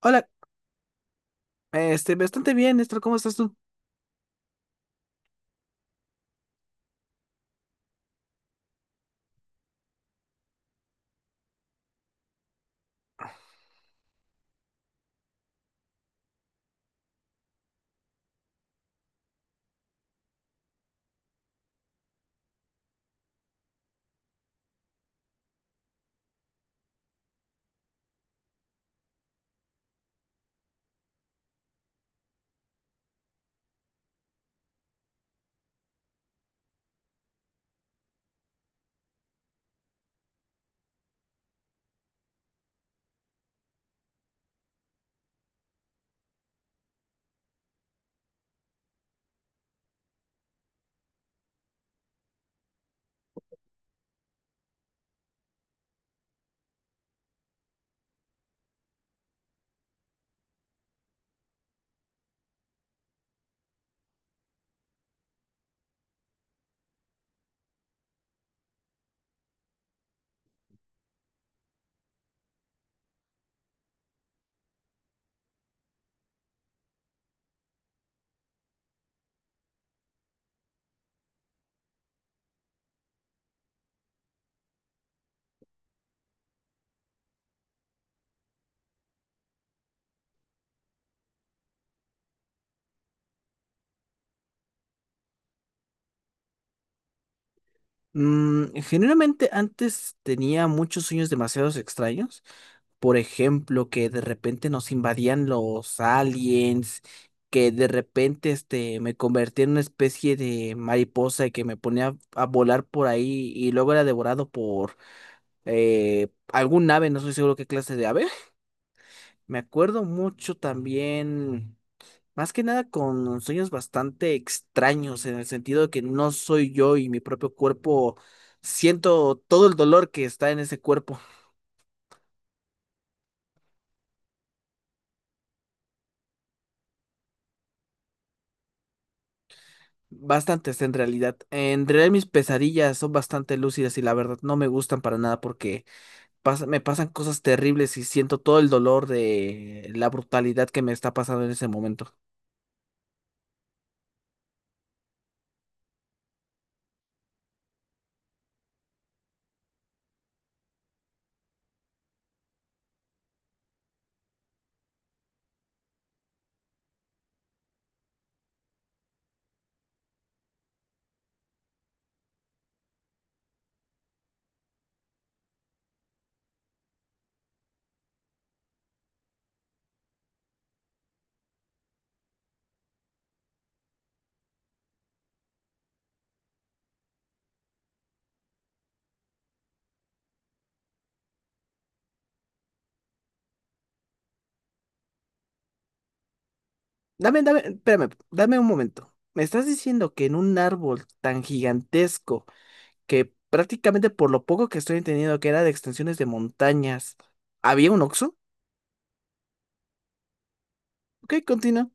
Hola, bastante bien, Néstor, ¿cómo estás tú? Generalmente antes tenía muchos sueños demasiados extraños. Por ejemplo, que de repente nos invadían los aliens, que de repente me convertía en una especie de mariposa y que me ponía a volar por ahí y luego era devorado por algún ave, no estoy seguro qué clase de ave. Me acuerdo mucho también. Más que nada con sueños bastante extraños, en el sentido de que no soy yo y mi propio cuerpo siento todo el dolor que está en ese cuerpo. Bastantes en realidad. En realidad mis pesadillas son bastante lúcidas y la verdad no me gustan para nada porque me pasan cosas terribles y siento todo el dolor de la brutalidad que me está pasando en ese momento. Dame, dame, espérame, dame un momento. ¿Me estás diciendo que en un árbol tan gigantesco, que prácticamente por lo poco que estoy entendiendo que era de extensiones de montañas, había un Oxxo? Ok, continúa.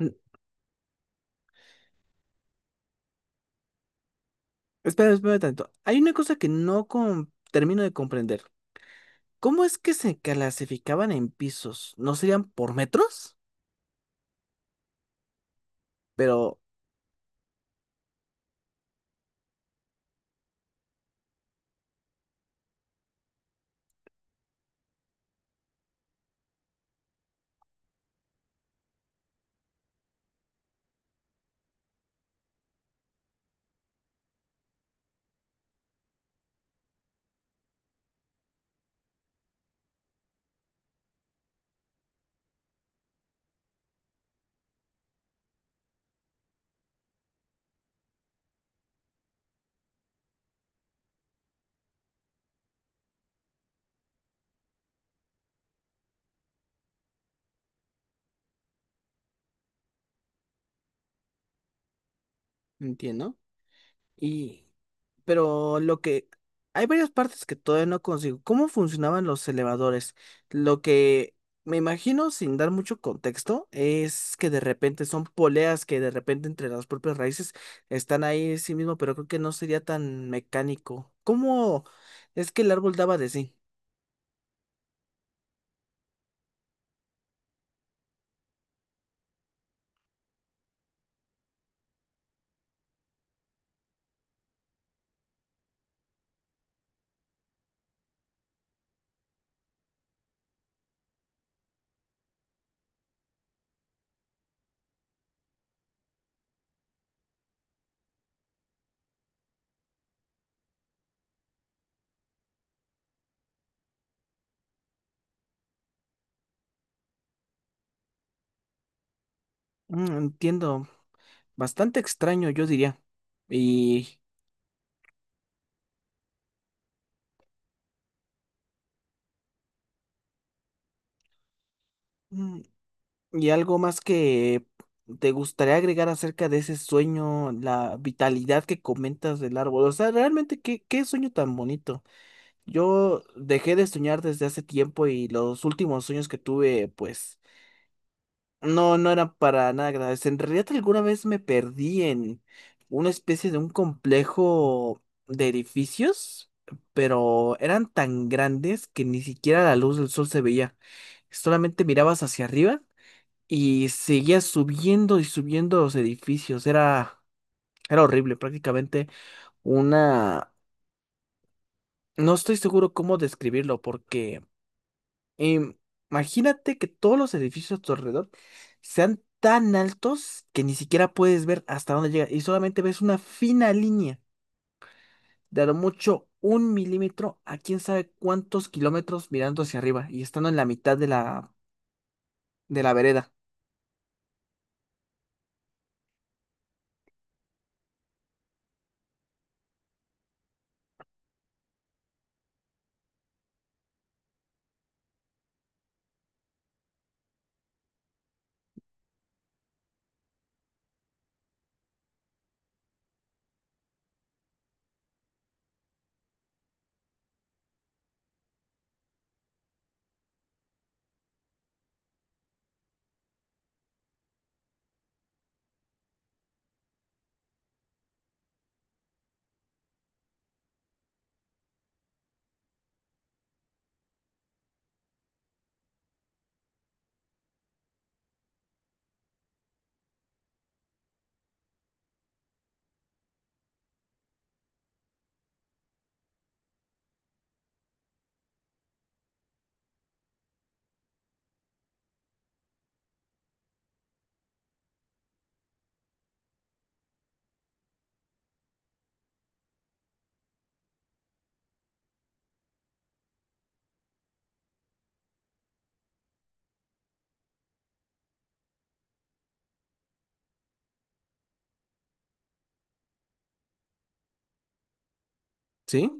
Mm, Espera, espera tanto. Hay una cosa que no termino de comprender. ¿Cómo es que se clasificaban en pisos? ¿No serían por metros? Pero, entiendo. Y, pero hay varias partes que todavía no consigo. ¿Cómo funcionaban los elevadores? Lo que me imagino, sin dar mucho contexto, es que de repente son poleas que de repente entre las propias raíces están ahí sí mismo, pero creo que no sería tan mecánico. ¿Cómo es que el árbol daba de sí? Entiendo, bastante extraño, yo diría. Y... ¿Y algo más que te gustaría agregar acerca de ese sueño, la vitalidad que comentas del árbol? O sea, realmente, ¿qué sueño tan bonito? Yo dejé de soñar desde hace tiempo y los últimos sueños que tuve, pues, no, no eran para nada agradables. En realidad, alguna vez me perdí en una especie de un complejo de edificios, pero eran tan grandes que ni siquiera la luz del sol se veía. Solamente mirabas hacia arriba y seguía subiendo y subiendo los edificios. Era horrible, prácticamente una... No estoy seguro cómo describirlo porque im- imagínate que todos los edificios a tu alrededor sean tan altos que ni siquiera puedes ver hasta dónde llega y solamente ves una fina línea de a lo mucho un milímetro a quién sabe cuántos kilómetros mirando hacia arriba y estando en la mitad de la vereda. ¿Sí?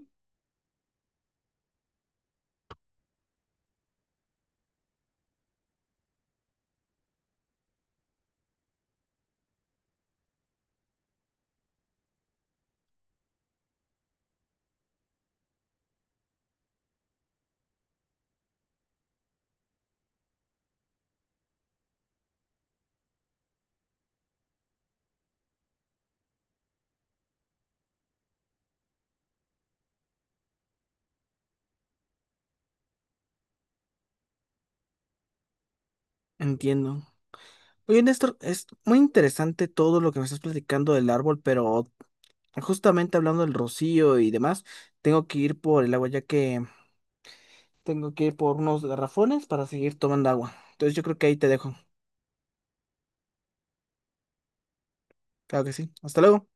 Entiendo. Oye, Néstor, es muy interesante todo lo que me estás platicando del árbol, pero justamente hablando del rocío y demás, tengo que ir por el agua ya que tengo que ir por unos garrafones para seguir tomando agua. Entonces yo creo que ahí te dejo. Claro que sí. Hasta luego.